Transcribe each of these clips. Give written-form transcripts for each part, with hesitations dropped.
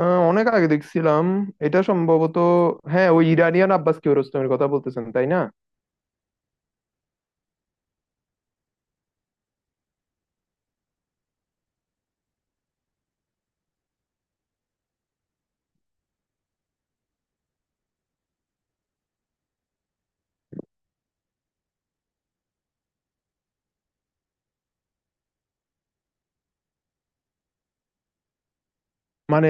অনেক আগে দেখছিলাম। এটা সম্ভবত, হ্যাঁ, ওই ইরানিয়ান আব্বাস কিয়ারোস্তামির কথা বলতেছেন, তাই না? মানে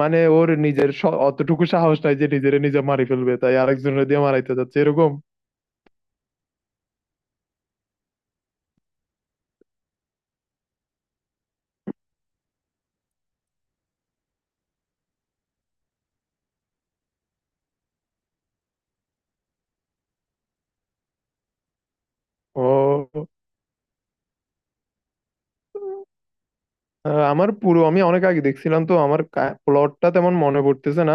মানে ওর নিজের অতটুকু সাহস নাই যে নিজের নিজে মারি ফেলবে, তাই আরেকজনের দিয়ে মারাইতে যাচ্ছে এরকম? ও, আমার পুরো, আমি অনেক আগে দেখছিলাম তো, আমার প্লটটা তেমন মনে পড়তেছে না।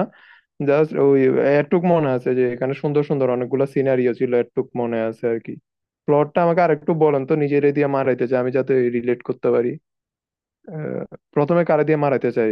জাস্ট ওই এটুক মনে আছে যে এখানে সুন্দর সুন্দর অনেকগুলো সিনারিও ছিল, এটুক মনে আছে আর কি। প্লটটা আমাকে আরেকটু বলেন তো, নিজের দিয়ে মারাইতে চাই, আমি যাতে রিলেট করতে পারি। আহ, প্রথমে কারে দিয়ে মারাইতে চাই?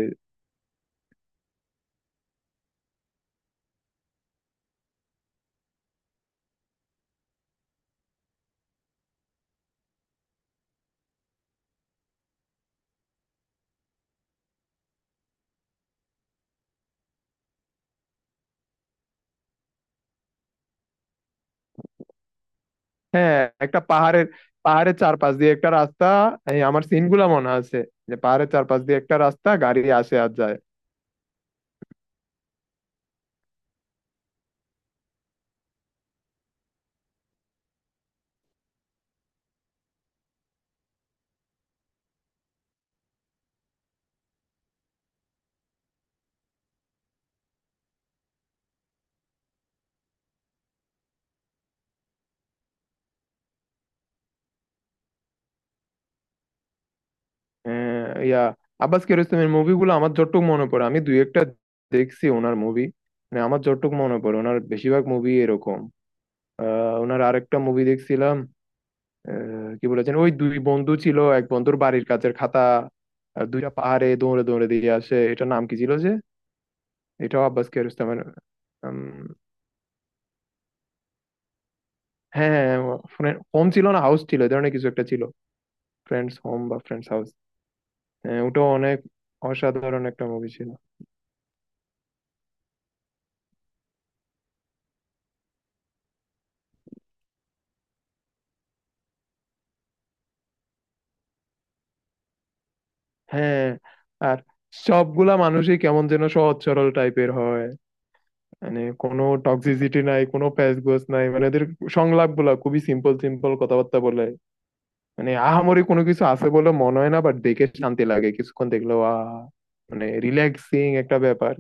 হ্যাঁ, একটা পাহাড়ের, পাহাড়ের চারপাশ দিয়ে একটা রাস্তা, এই আমার সিন গুলা মনে আছে, যে পাহাড়ের চারপাশ দিয়ে একটা রাস্তা, গাড়ি আসে আর যায়। ইয়া, আব্বাস কিয়ারোস্তামির মুভিগুলো আমার যতটুকু মনে পড়ে, আমি দুই একটা দেখছি ওনার মুভি। মানে আমার যতটুকু মনে পড়ে ওনার বেশিরভাগ মুভি এরকম। ওনার আরেকটা মুভি দেখছিলাম। কি বলেছেন, ওই দুই বন্ধু ছিল, এক বন্ধুর বাড়ির কাছের খাতা আর দুইটা পাহাড়ে দৌড়ে দৌড়ে দিয়ে আসে, এটা নাম কি ছিল যে? এটাও আব্বাস কিয়ারোস্তামির। হ্যাঁ, হ্যাঁ, ফ্রেন্ড হোম ছিল না হাউস ছিল, এই ধরনের কিছু একটা ছিল, ফ্রেন্ডস হোম বা ফ্রেন্ডস হাউস। হ্যাঁ, ওটাও অনেক অসাধারণ একটা মুভি ছিল। হ্যাঁ, আর সবগুলা মানুষই কেমন যেন সহজ সরল টাইপের হয়, মানে কোনো টক্সিসিটি নাই, কোনো প্যাচ গোছ নাই, মানে ওদের সংলাপ গুলা খুবই সিম্পল, সিম্পল কথাবার্তা বলে। মানে আহামরি কোনো কিছু আছে বলে মনে হয় না, বাট দেখে শান্তি লাগে, কিছুক্ষণ দেখলেও আহ, মানে রিল্যাক্সিং একটা ব্যাপার।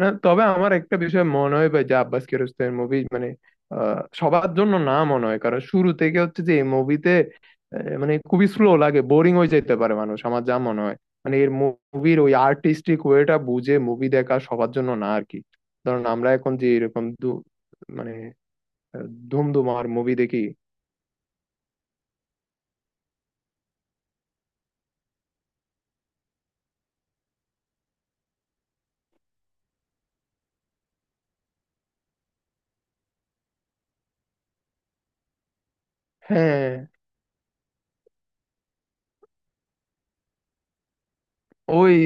না, তবে আমার একটা বিষয় মনে হয় ভাই, যে আব্বাস কিয়ারোস্তামির মুভি মানে সবার জন্য না মনে হয়, কারণ শুরু থেকে হচ্ছে যে এই মুভিতে মানে খুবই স্লো লাগে, বোরিং হয়ে যেতে পারে মানুষ, আমার যা মনে হয়। মানে এর মুভির ওই আর্টিস্টিক ওয়েটা বুঝে মুভি দেখা সবার জন্য না আর কি। ধরুন আমরা এখন যে এরকম দু মানে, ধুমধুমার মুভি দেখি। হ্যাঁ, ওই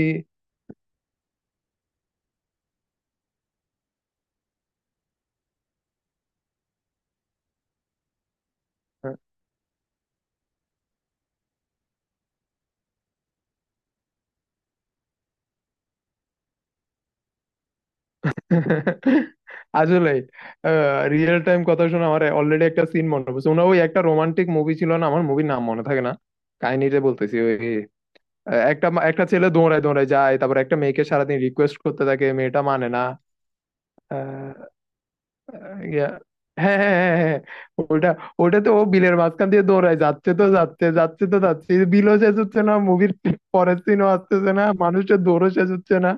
আসলে, রিয়েল টাইম কথা শুনে আমার অলরেডি একটা সিন মনে পড়ছে। ওনা ওই একটা রোমান্টিক মুভি ছিল না, আমার মুভির নাম মনে থাকে না, কাহিনীটা বলতেছি ওই, একটা একটা ছেলে দৌড়ায় দৌড়ায় যায়, তারপর একটা মেয়েকে সারাদিন রিকোয়েস্ট করতে থাকে, মেয়েটা মানে না। আহ, ইয়া, হ্যাঁ হ্যাঁ হ্যাঁ হ্যাঁ ওটা, ওটা তো ও বিলের মাঝখান দিয়ে দৌড়ায় যাচ্ছে তো যাচ্ছে, যাচ্ছে তো যাচ্ছে, বিলও শেষ হচ্ছে না মুভির, পরের সিনও আসতেছে না, মানুষের দৌড়ও শেষ হচ্ছে না,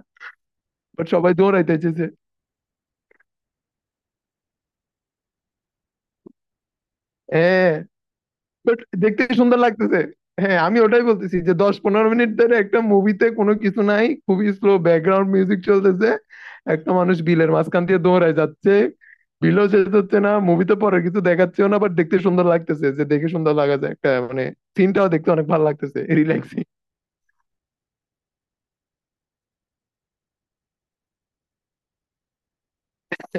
বাট সবাই দৌড়াইতেছে। হ্যাঁ, বাট দেখতে সুন্দর লাগতেছে। হ্যাঁ, আমি ওটাই বলতেছি যে 10-15 মিনিট ধরে একটা মুভিতে কোনো কিছু নাই, খুবই স্লো ব্যাকগ্রাউন্ড মিউজিক চলতেছে, একটা মানুষ বিলের মাঝখান দিয়ে দৌড়ায় যাচ্ছে, বিলও শেষ হচ্ছে না, মুভিতে পরে কিছু দেখাচ্ছেও না, বাট দেখতে সুন্দর লাগতেছে, যে দেখে সুন্দর লাগা যায় একটা, মানে সিনটাও দেখতে অনেক ভালো লাগতেছে, রিল্যাক্সিং।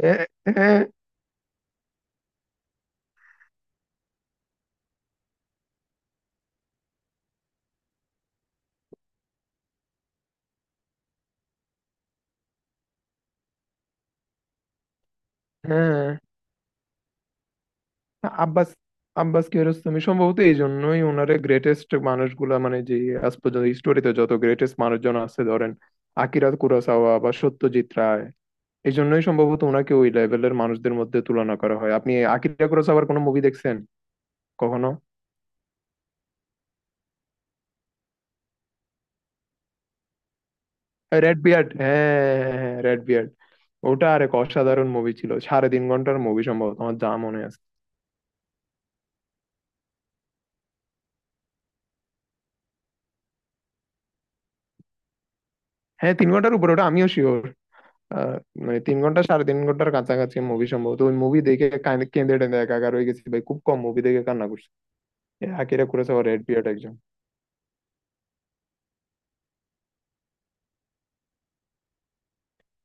হ্যাঁ হ্যাঁ হ্যাঁ না, আব্বাস, আব্বাস কিয়ারোস্তামি সম্ভবত এই জন্যই, ওনারে গ্রেটেস্ট মানুষগুলা মানে, যে আজ পর্যন্ত স্টোরিতে যত গ্রেটেস্ট মানুষজন আছে ধরেন, আকিরা কুরোসাওয়া বা সত্যজিৎ রায়, এই জন্যই সম্ভবত ওনাকে ওই লেভেলের মানুষদের মধ্যে তুলনা করা হয়। আপনি আকিরা কুরোসাওয়ার কোনো মুভি দেখছেন কখনো? রেড বিয়ার্ড, হ্যাঁ, রেড বিয়ার্ড। ওটা আরেক অসাধারণ মুভি ছিল, 3.5 ঘন্টার মুভি সম্ভবত, আমার যা মনে আছে। হ্যাঁ, 3 ঘন্টার উপরে ওটা, আমিও শিওর। আহ, মানে 3 ঘন্টা, 3.5 ঘন্টার কাছাকাছি মুভি সম্ভবত। ওই মুভি দেখে কেঁদে টেঁদে একাকার হয়ে গেছি ভাই, খুব কম মুভি দেখে কান্না করছি। এ আকিরা কুরোসাওয়ার রেড বিয়ার্ড একজন।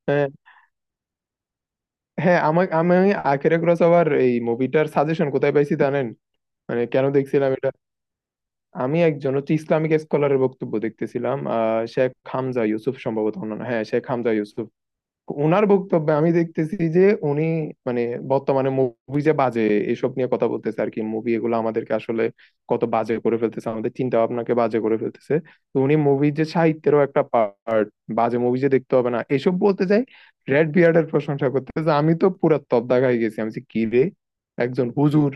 হ্যাঁ, হ্যাঁ আমার আমি আকিরা কুরোসাওয়ার এই মুভিটার সাজেশন কোথায় পাইছি জানেন? মানে কেন দেখছিলাম এটা, আমি একজন হচ্ছে ইসলামিক স্কলারের বক্তব্য দেখতেছিলাম, আহ, শেখ হামজা ইউসুফ সম্ভবত ওনার নাম। হ্যাঁ, শেখ হামজা ইউসুফ। ওনার বক্তব্যে আমি দেখতেছি যে উনি মানে বর্তমানে মুভি যে বাজে, এসব নিয়ে কথা বলতেছে আর কি, মুভি এগুলো আমাদেরকে আসলে কত বাজে করে ফেলতেছে, আমাদের চিন্তা ভাবনাকে বাজে করে ফেলতেছে। তো উনি মুভি যে সাহিত্যেরও একটা পার্ট, বাজে মুভি যে দেখতে হবে না, এসব বলতে চাই, রেড বিয়ার্ডের প্রশংসা করতেছে। আমি তো পুরা তব্দা হয়ে গেছি, আমি বলছি, কি রে, একজন হুজুর,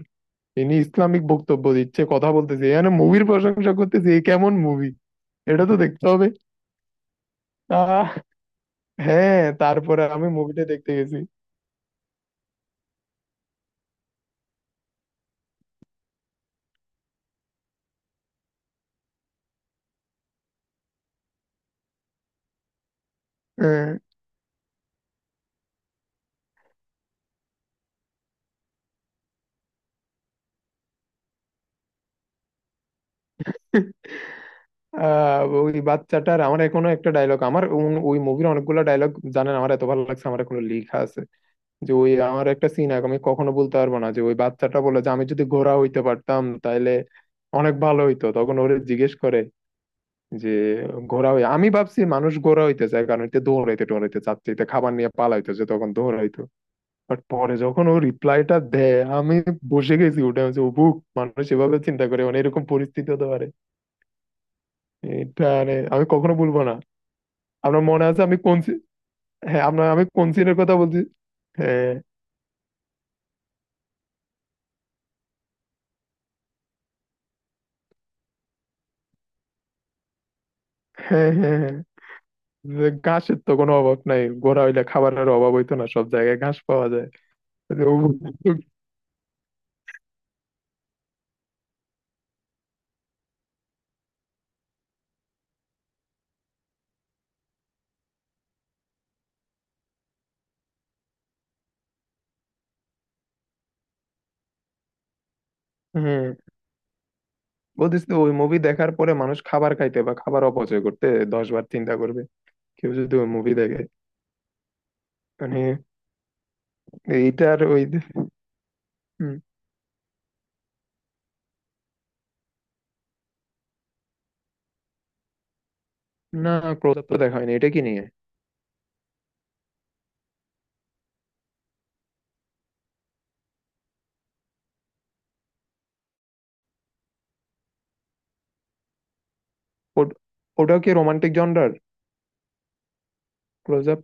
ইনি ইসলামিক বক্তব্য দিচ্ছে, কথা বলতেছে, এখানে মুভির প্রশংসা করতেছে, এ কেমন মুভি, এটা তো দেখতে হবে। আহ, হ্যাঁ, তারপরে আমি মুভিটা দেখতে গেছি। হ্যাঁ। আহ, ওই বাচ্চাটার, আমার এখনো একটা ডায়লগ আমার ওই মুভির অনেকগুলো ডায়লগ, জানেন আমার এত ভালো লাগছে আমার এখনো লেখা আছে, যে ওই আমার একটা সিন আমি কখনো বলতে পারবো না, যে ওই বাচ্চাটা বলে যে আমি যদি ঘোড়া হইতে পারতাম তাহলে অনেক ভালো হইতো। তখন ওরে জিজ্ঞেস করে যে ঘোড়া হই, আমি ভাবছি মানুষ ঘোড়া হইতে চায় কারণ এতে দৌড়াইতে টোড়াইতে চাচ্ছে, এতে খাবার নিয়ে পালাইতো, যে তখন দৌড়াইতো। বাট পরে যখন ও রিপ্লাইটা দেয়, আমি বসে গেছি, ওটা হচ্ছে বুক, মানুষ এভাবে চিন্তা করে, মানে এরকম পরিস্থিতি হতে পারে, এটা মানে আমি কখনো ভুলবো না। আপনার মনে আছে আমি কোন হ্যাঁ, আপনার আমি কোন সিনের কথা বলছি? হ্যাঁ হ্যাঁ হ্যাঁ হ্যাঁ যে ঘাসের তো কোনো অভাব নাই, গোড়া হইলে খাবারের অভাব হইতো না, সব জায়গায় ঘাস পাওয়া যায়, যে ও- হুম, বলতিস তো ওই মুভি দেখার পরে মানুষ খাবার খাইতে বা খাবার অপচয় করতে 10 বার চিন্তা করবে, কেউ যদি ওই মুভি দেখে, মানে এইটার ওই। হুম। না, ক্লোজ আপ তো দেখা হয়নি, এটা কি নিয়ে? ওট- ওটাও কি রোমান্টিক জনরার? ক্লোজ আপ,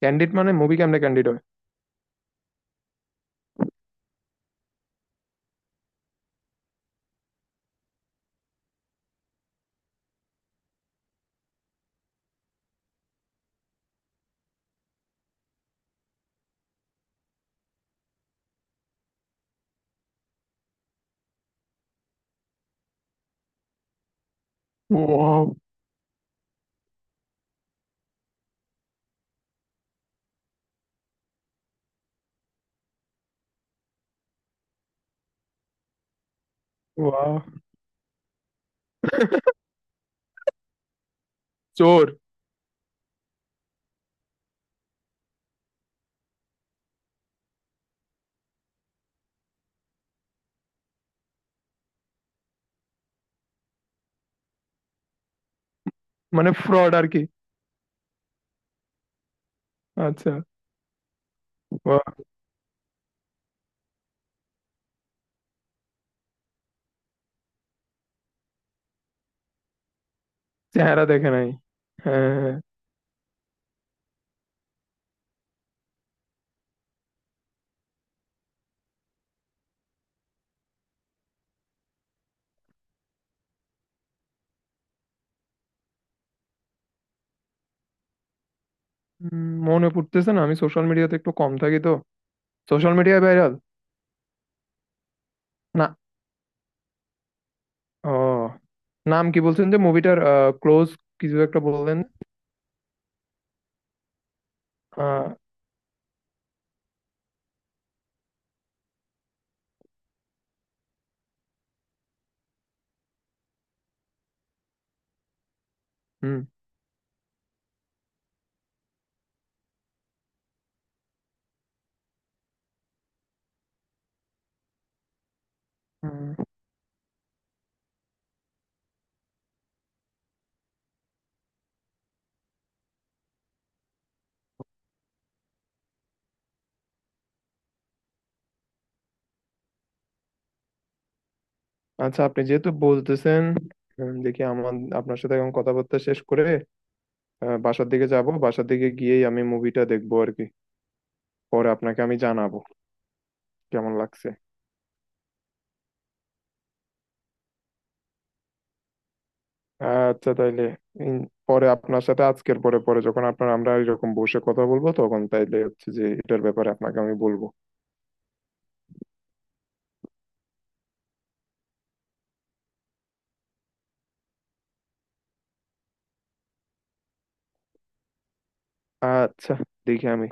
ক্যান্ডিড মানে, মুভি কেমনে ক্যান্ডিড হয়? ওয়াও। চোর? মানে ফ্রড আর কি। আচ্ছা। বাহ, চেহারা দেখে নাই। হ্যাঁ হ্যাঁ হ্যাঁ। মনে পড়তেছে না, আমি সোশ্যাল মিডিয়াতে একটু কম থাকি তো। সোশ্যাল মিডিয়ায় ভাইরাল? না, ও, নাম কি বলছেন যে মুভিটার? ক্লোজ, কিছু একটা বললেন। আহ, হুম। হুম। আচ্ছা, আপনি যেহেতু বলতেছেন, দেখি আমার, আপনার সাথে এখন কথাবার্তা শেষ করে বাসার দিকে যাব, বাসার দিকে গিয়েই আমি মুভিটা দেখবো আর কি, পরে আপনাকে আমি জানাবো কেমন লাগছে। আচ্ছা তাইলে, পরে আপনার সাথে আজকের পরে পরে যখন আপনার আমরা এরকম বসে কথা বলবো, তখন তাইলে হচ্ছে যে এটার ব্যাপারে আপনাকে আমি বলবো। আচ্ছা, দেখি আমি।